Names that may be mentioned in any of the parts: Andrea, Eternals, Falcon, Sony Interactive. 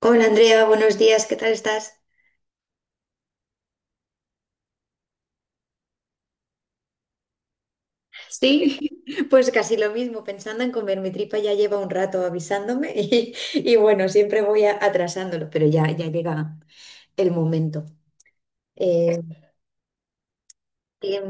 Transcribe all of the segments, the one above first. Hola Andrea, buenos días, ¿qué tal estás? Sí. Pues casi lo mismo, pensando en comer mi tripa ya lleva un rato avisándome. Y bueno, siempre voy atrasándolo, pero ya llega el momento. Eh, ¿qué,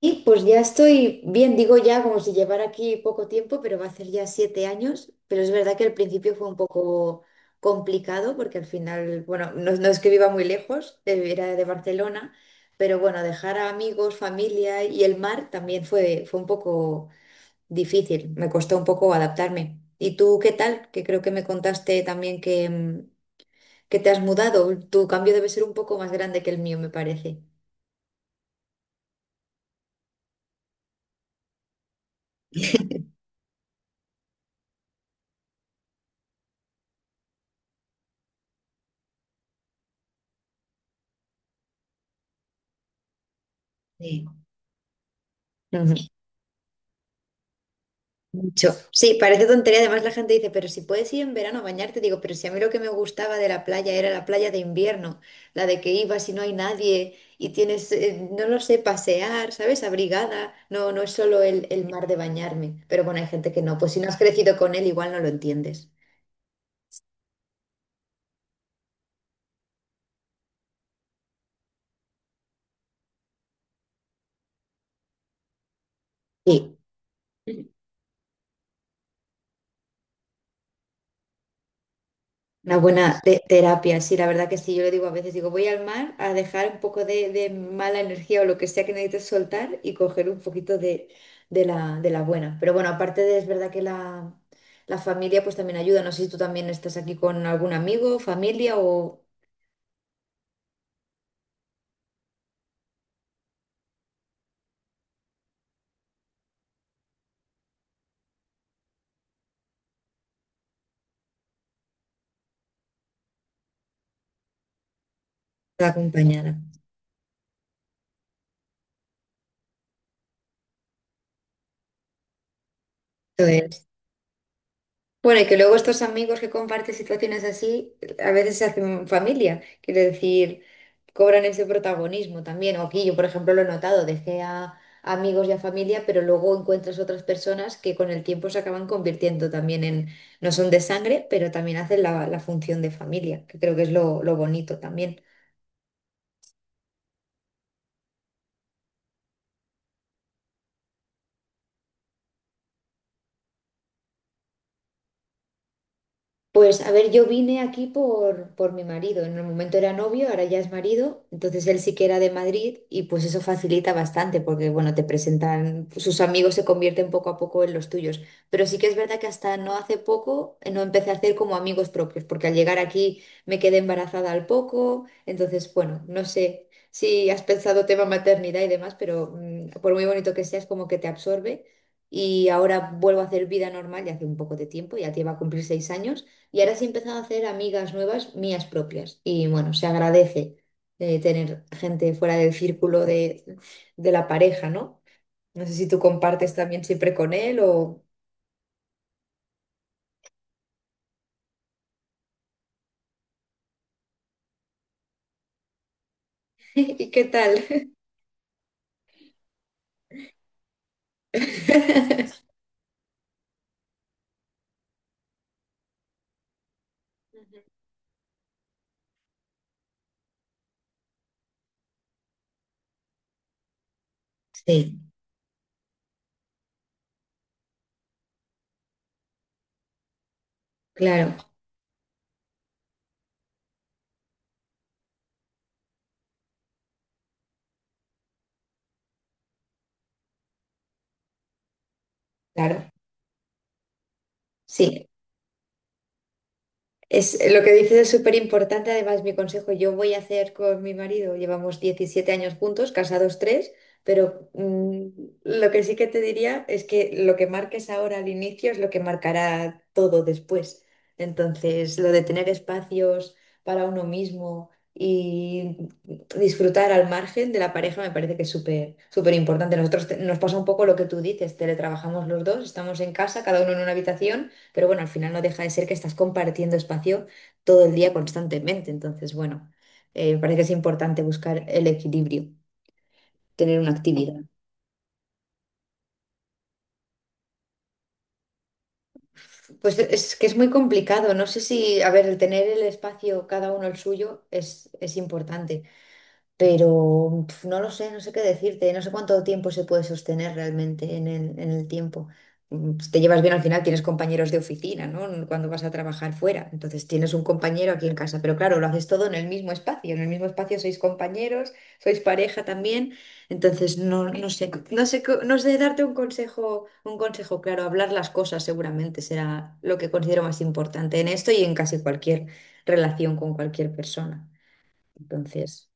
Y pues ya estoy bien, digo ya como si llevara aquí poco tiempo, pero va a hacer ya 7 años. Pero es verdad que al principio fue un poco complicado porque al final, bueno, no, no es que viva muy lejos, era de Barcelona, pero bueno, dejar a amigos, familia y el mar también fue un poco difícil, me costó un poco adaptarme. ¿Y tú qué tal? Que creo que me contaste también que te has mudado. Tu cambio debe ser un poco más grande que el mío, me parece. Sí. Ujú. Mucho. Sí, parece tontería. Además, la gente dice, pero si puedes ir en verano a bañarte, digo, pero si a mí lo que me gustaba de la playa era la playa de invierno, la de que ibas y no hay nadie y tienes, no lo sé, pasear, ¿sabes? Abrigada. No, no es solo el mar de bañarme. Pero bueno, hay gente que no. Pues si no has crecido con él, igual no lo entiendes. Sí. Una buena terapia, sí, la verdad que sí. Yo le digo a veces, digo, voy al mar a dejar un poco de mala energía o lo que sea que necesites soltar y coger un poquito de la buena. Pero bueno, aparte de, es verdad que la familia pues también ayuda. No sé si tú también estás aquí con algún amigo, familia o te acompañada. Bueno, y que luego estos amigos que comparten situaciones así, a veces se hacen familia, quiero decir, cobran ese protagonismo también. O aquí yo, por ejemplo, lo he notado, dejé a amigos y a familia, pero luego encuentras otras personas que con el tiempo se acaban convirtiendo también en, no son de sangre, pero también hacen la función de familia, que creo que es lo bonito también. Pues a ver, yo vine aquí por mi marido. En el momento era novio, ahora ya es marido. Entonces él sí que era de Madrid y pues eso facilita bastante porque, bueno, te presentan, sus amigos se convierten poco a poco en los tuyos. Pero sí que es verdad que hasta no hace poco, no empecé a hacer como amigos propios porque al llegar aquí me quedé embarazada al poco. Entonces, bueno, no sé si has pensado tema maternidad y demás, pero por muy bonito que seas, como que te absorbe. Y ahora vuelvo a hacer vida normal ya hace un poco de tiempo, ya te iba a cumplir 6 años. Y ahora sí he empezado a hacer amigas nuevas, mías propias. Y bueno, se agradece, tener gente fuera del círculo de la pareja, ¿no? No sé si tú compartes también siempre con él o. ¿Y qué tal? Sí, claro, claro. Sí, es lo que dices es súper importante, además mi consejo, yo voy a hacer con mi marido, llevamos 17 años juntos, casados 3, pero lo que sí que te diría es que lo que marques ahora al inicio es lo que marcará todo después. Entonces, lo de tener espacios para uno mismo y disfrutar al margen de la pareja me parece que es súper, súper importante. Nosotros nos pasa un poco lo que tú dices, teletrabajamos los dos, estamos en casa, cada uno en una habitación. Pero bueno, al final no deja de ser que estás compartiendo espacio todo el día constantemente. Entonces, bueno, me parece que es importante buscar el equilibrio, tener una actividad. Pues es que es muy complicado. No sé si, a ver, el tener el espacio, cada uno el suyo, es importante. Pero no lo sé, no sé qué decirte, no sé cuánto tiempo se puede sostener realmente en el tiempo. Si te llevas bien, al final, tienes compañeros de oficina, ¿no? Cuando vas a trabajar fuera. Entonces tienes un compañero aquí en casa, pero claro, lo haces todo en el mismo espacio. En el mismo espacio sois compañeros, sois pareja también. Entonces no, no sé darte un consejo claro. Hablar las cosas seguramente será lo que considero más importante en esto y en casi cualquier relación con cualquier persona. Entonces.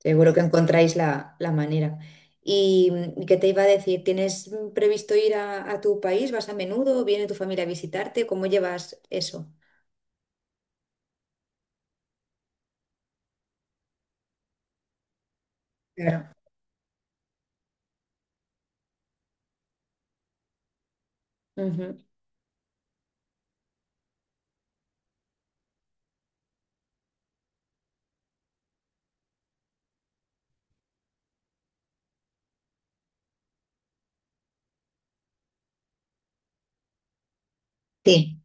Seguro que encontráis la manera. ¿Y qué te iba a decir? ¿Tienes previsto ir a tu país? ¿Vas a menudo? ¿Viene tu familia a visitarte? ¿Cómo llevas eso? Claro. Ujú. Sí,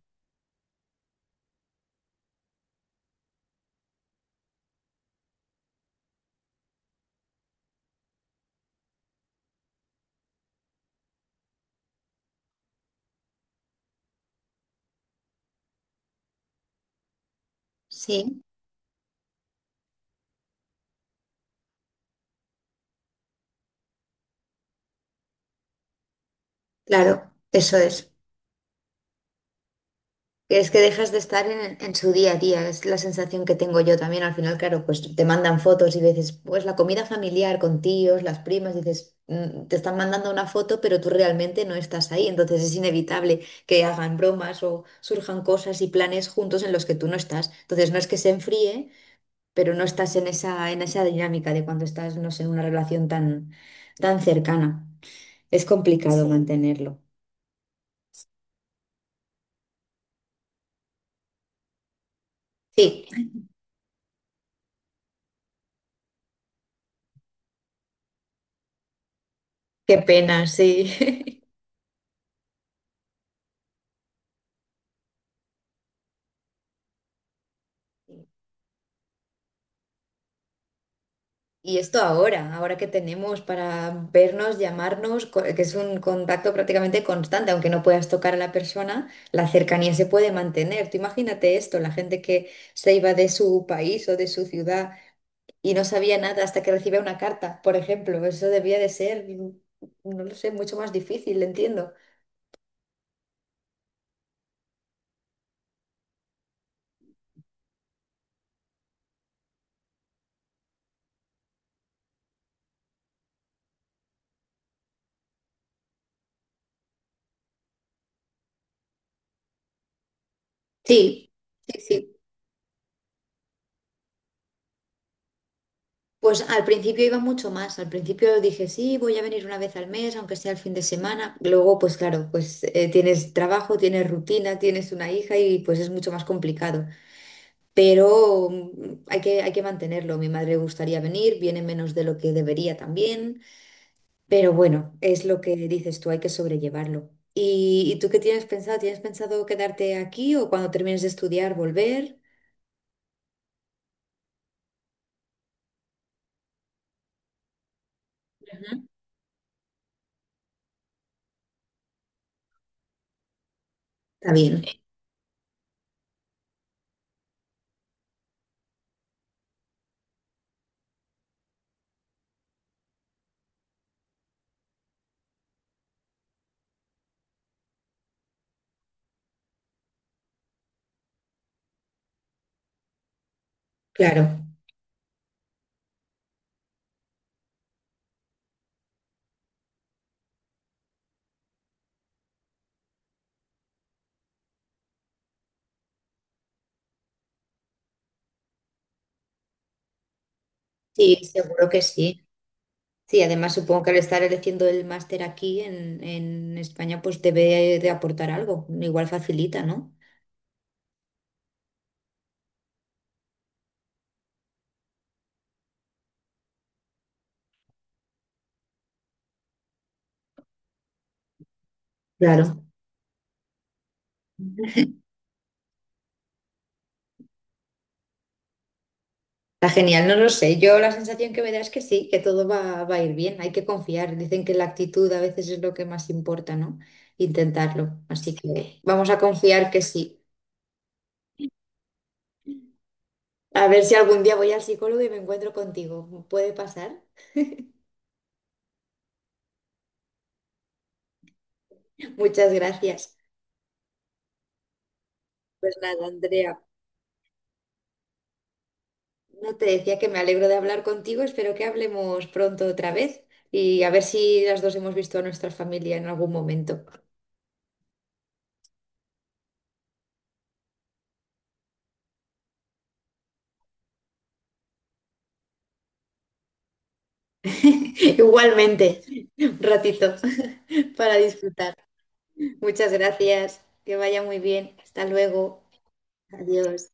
sí, claro, eso es. Es que dejas de estar en su día a día, es la sensación que tengo yo también. Al final, claro, pues te mandan fotos y veces, pues la comida familiar con tíos, las primas, dices, te están mandando una foto, pero tú realmente no estás ahí. Entonces es inevitable que hagan bromas o surjan cosas y planes juntos en los que tú no estás. Entonces no es que se enfríe, pero no estás en esa dinámica de cuando estás, no sé, en una relación tan, tan cercana. Es complicado, sí, mantenerlo. Sí, qué pena, sí. Y esto ahora, ahora que tenemos para vernos, llamarnos, que es un contacto prácticamente constante, aunque no puedas tocar a la persona, la cercanía se puede mantener. Tú imagínate esto, la gente que se iba de su país o de su ciudad y no sabía nada hasta que recibía una carta, por ejemplo. Eso debía de ser, no lo sé, mucho más difícil, entiendo. Sí, sí, sí. Pues al principio iba mucho más, al principio dije, sí, voy a venir una vez al mes, aunque sea el fin de semana. Luego, pues claro, pues tienes trabajo, tienes rutina, tienes una hija y pues es mucho más complicado. Pero hay que mantenerlo. Mi madre le gustaría venir, viene menos de lo que debería también, pero bueno, es lo que dices tú, hay que sobrellevarlo. ¿Y tú qué tienes pensado? ¿Tienes pensado quedarte aquí o cuando termines de estudiar volver? Ujú. Está bien, claro. Sí, seguro que sí. Sí, además supongo que al estar eligiendo el máster aquí en España, pues debe de aportar algo. Igual facilita, ¿no? Claro. Está genial, no lo sé. Yo la sensación que me da es que sí, que todo va a ir bien. Hay que confiar. Dicen que la actitud a veces es lo que más importa, ¿no? Intentarlo. Así que vamos a confiar que sí. A ver si algún día voy al psicólogo y me encuentro contigo. ¿Puede pasar? Muchas gracias. Pues nada, Andrea. No te decía que me alegro de hablar contigo, espero que hablemos pronto otra vez y a ver si las dos hemos visto a nuestra familia en algún momento. Igualmente. Un ratito para disfrutar. Muchas gracias, que vaya muy bien. Hasta luego. Adiós.